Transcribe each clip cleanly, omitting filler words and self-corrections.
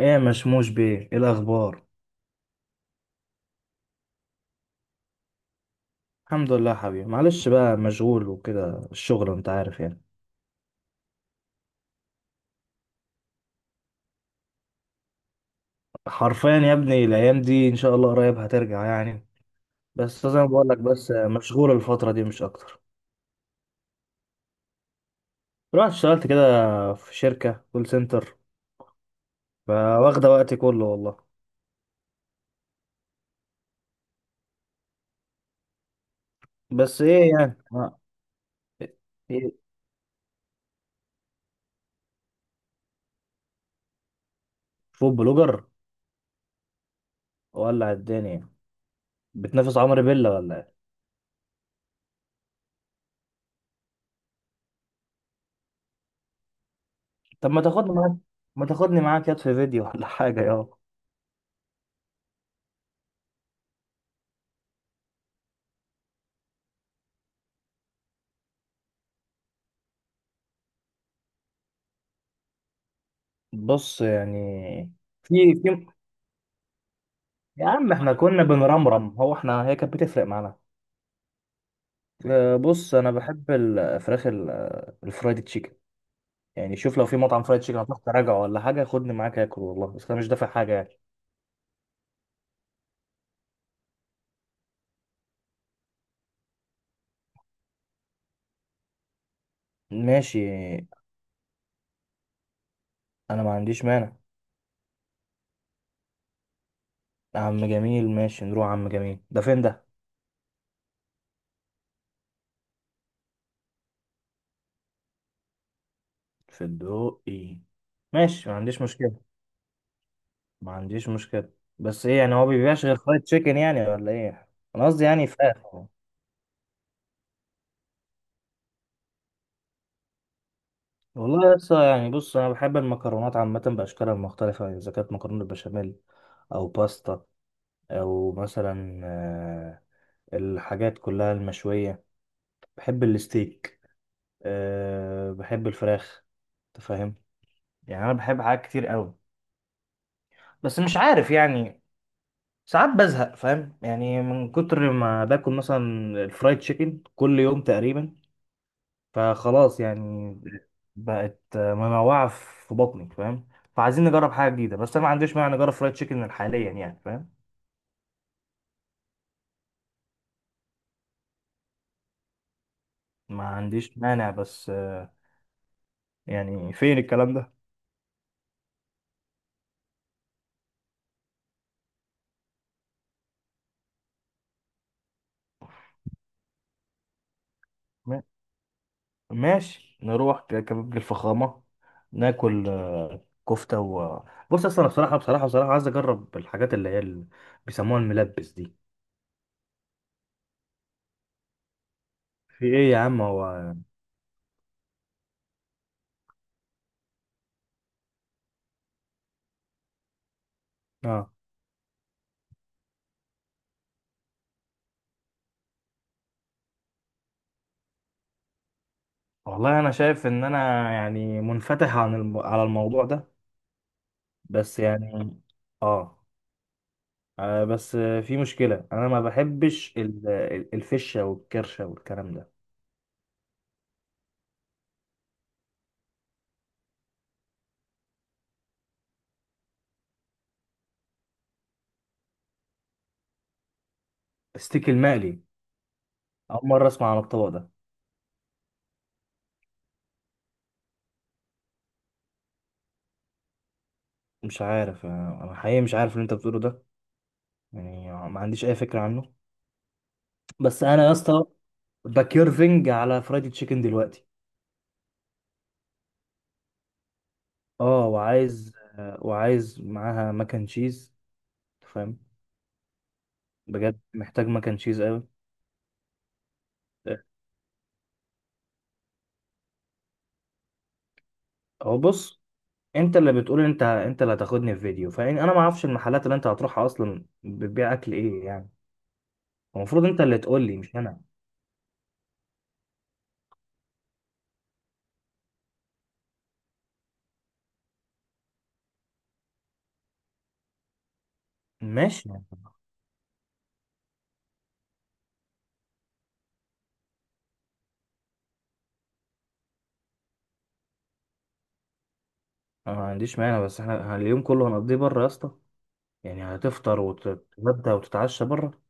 ايه يا مشموش بيه، ايه الاخبار؟ الحمد لله يا حبيبي، معلش بقى مشغول وكده الشغل انت عارف يعني. حرفيا يا ابني، الايام دي ان شاء الله قريب هترجع يعني. بس زي ما بقول لك، بس مشغول الفتره دي مش اكتر. رحت اشتغلت كده في شركه كول سنتر، فواخده وقتي كله والله. بس ايه يعني إيه؟ فود بلوجر، ولع الدنيا. بتنافس عمرو بيلا ولا ايه؟ طب ما تاخدني معاك يد في فيديو ولا حاجه يا... بص يعني، في في يا عم احنا كنا بنرمرم، هو احنا هي كانت بتفرق معانا؟ بص انا بحب الفراخ الفرايد تشيكن. يعني شوف، لو في مطعم فرايد تشيكن هتروح تراجع ولا حاجه، خدني معاك اكل والله، بس انا مش دافع حاجه يعني. ماشي، انا ما عنديش مانع. عم جميل؟ ماشي نروح، عم جميل ده فين ده؟ في الدقي؟ ماشي ما عنديش مشكله. ما عنديش مشكله بس ايه يعني، هو بيبيعش غير فرايد تشيكن يعني ولا ايه؟ انا قصدي يعني فراخ. والله لسه يعني، بص انا بحب المكرونات عامه باشكالها المختلفه، يعني اذا كانت مكرونه بشاميل او باستا او مثلا الحاجات كلها المشويه، بحب الستيك، بحب الفراخ، انت فاهم؟ يعني انا بحب حاجات كتير قوي، بس مش عارف يعني، ساعات بزهق، فاهم؟ يعني من كتر ما باكل مثلا الفرايد تشيكن كل يوم تقريبا، فخلاص يعني بقت منوعة في بطني، فاهم؟ فعايزين نجرب حاجة جديدة، بس أنا ما عنديش مانع نجرب فرايد تشيكن حاليا يعني، فاهم؟ ما عنديش مانع، بس يعني فين الكلام ده؟ ما- ماشي نروح كبابجي الفخامة، ناكل كفتة و... بص أصل أنا بصراحة بصراحة بصراحة عايز أجرب الحاجات اللي هي اللي بيسموها الملبس دي. في إيه يا عم هو؟ آه. والله أنا شايف إن أنا يعني منفتح على الموضوع ده. بس يعني آه. بس في مشكلة أنا ما بحبش الفشة والكرشة والكلام ده. الستيك المقلي؟ أول مرة أسمع عن الطبق ده. مش عارف، أنا حقيقي مش عارف اللي أنت بتقوله ده، يعني ما عنديش أي فكرة عنه. بس أنا يا اسطى بكيرفنج على فرايدي تشيكن دلوقتي. أه وعايز. معاها مكن تشيز، فاهم؟ بجد محتاج مكن تشيز أوي. آه، هو بص، انت اللي بتقول، انت اللي هتاخدني في فيديو، فانا ما اعرفش المحلات اللي انت هتروحها اصلا بتبيع اكل ايه يعني. المفروض انت اللي تقول لي مش انا. ماشي، انا ما عنديش مانع، بس احنا اليوم كله هنقضيه بره يا اسطى، يعني هتفطر وتتغدى وتتعشى بره؟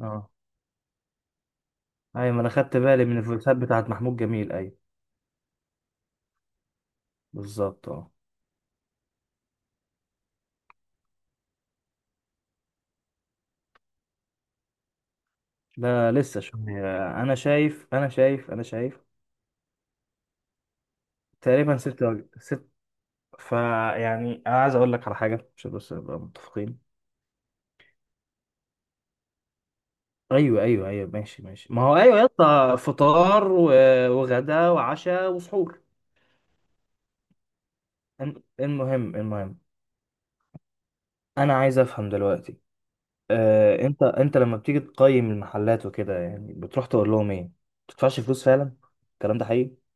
اه، ايوه ما انا خدت بالي من الفلوسات بتاعت محمود جميل، ايوه بالظبط، اه. ده لسه شويه، انا شايف تقريبا ست وجه ست، فيعني انا عايز اقول لك على حاجه عشان بس نبقى متفقين. ايوه ايوه ايوه، ماشي ماشي، ما هو ايوه يا اسطى، فطار وغدا وعشاء وسحور. المهم المهم، انا عايز افهم دلوقتي. انت لما بتيجي تقيم المحلات وكده يعني، بتروح تقول لهم ايه؟ ما بتدفعش فلوس فعلا، الكلام ده حقيقي؟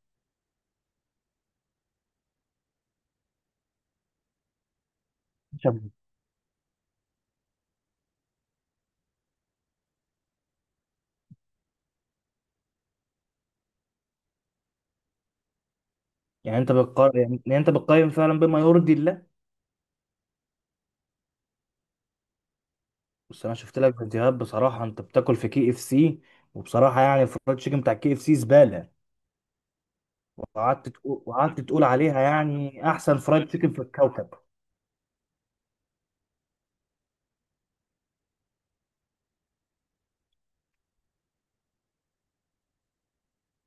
شبه. يعني انت بتقيم فعلا بما يرضي الله؟ بس انا شفت لك فيديوهات، بصراحه انت بتاكل في كي اف سي، وبصراحه يعني الفرايد تشيكن بتاع كي اف سي زباله، وقعدت تقول عليها يعني احسن فرايد تشيكن في الكوكب.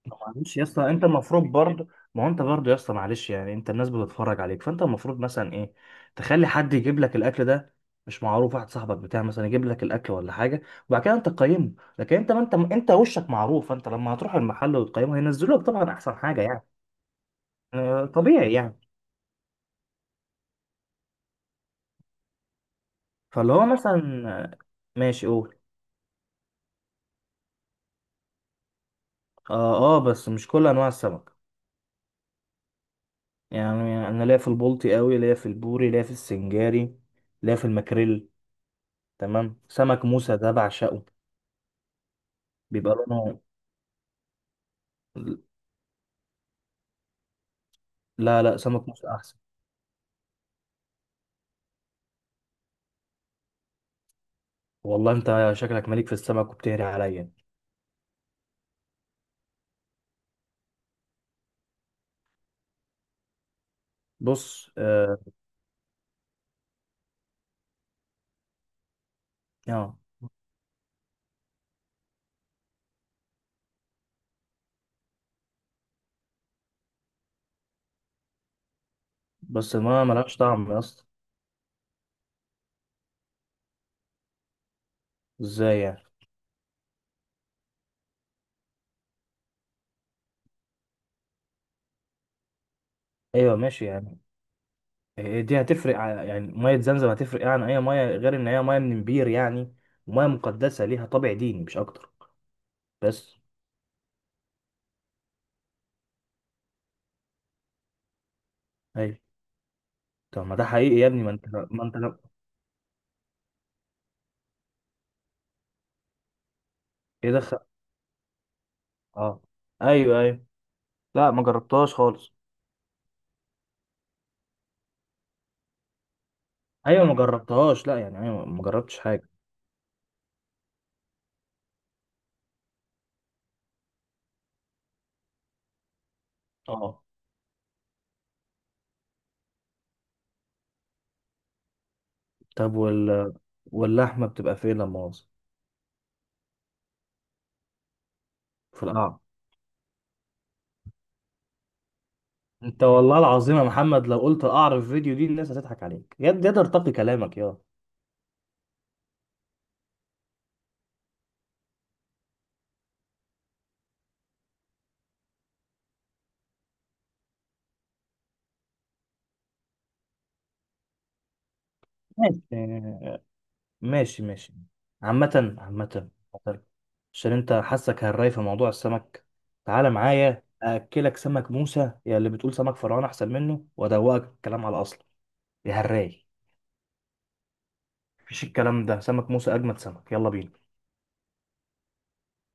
معلش يا اسطى، انت المفروض برضه، ما هو انت برضه يا اسطى، معلش يعني انت الناس بتتفرج عليك، فانت المفروض مثلا ايه، تخلي حد يجيب لك الاكل ده، مش معروف واحد صاحبك بتاع مثلا يجيب لك الاكل ولا حاجه، وبعد كده انت تقيمه. لكن انت ما انت وشك معروف، فانت لما هتروح المحل وتقيمه هينزلوا لك طبعا احسن حاجه يعني. طبيعي يعني. فاللي هو مثلا ماشي قول. اه اه، بس مش كل انواع السمك. يعني انا ليا في البلطي قوي، ليا في البوري، ليا في السنجاري، ليا في الماكريل، تمام، سمك موسى ده بعشقه. بيبقى لونه... لا لا، سمك مصر احسن. والله انت شكلك مليك في السمك وبتهري عليا. بص، اه. آه، بس الميه ملهاش طعم يا اسطى. ازاي يعني؟ ايوه ماشي يعني، إيه دي هتفرق يعني ميه زمزم هتفرق يعني اي ميه، غير ان هي ميه من بير يعني، وميه مقدسه ليها طابع ديني مش اكتر بس. ايوه، طب ما ده حقيقي يا ابني، ما انت، ما انت لو... ايه دخل؟ اه ايوه ايوه، لا ما جربتهاش خالص. ايوه ما جربتهاش، لا يعني ايوه ما جربتش حاجه. اه، طب واللحمة بتبقى فين لما مؤاخذة؟ في القعر. انت والله العظيم يا محمد، لو قلت القعر في الفيديو دي الناس هتضحك عليك، يد يد ارتقي كلامك يا... ماشي ماشي ماشي. عامة عامة عامة. عشان انت حاسك هالراي في موضوع السمك، تعالى معايا اكلك سمك موسى يا اللي بتقول سمك فرعون احسن منه، وادوقك الكلام على اصله يا هالراي. مفيش الكلام ده، سمك موسى اجمد سمك، يلا بينا.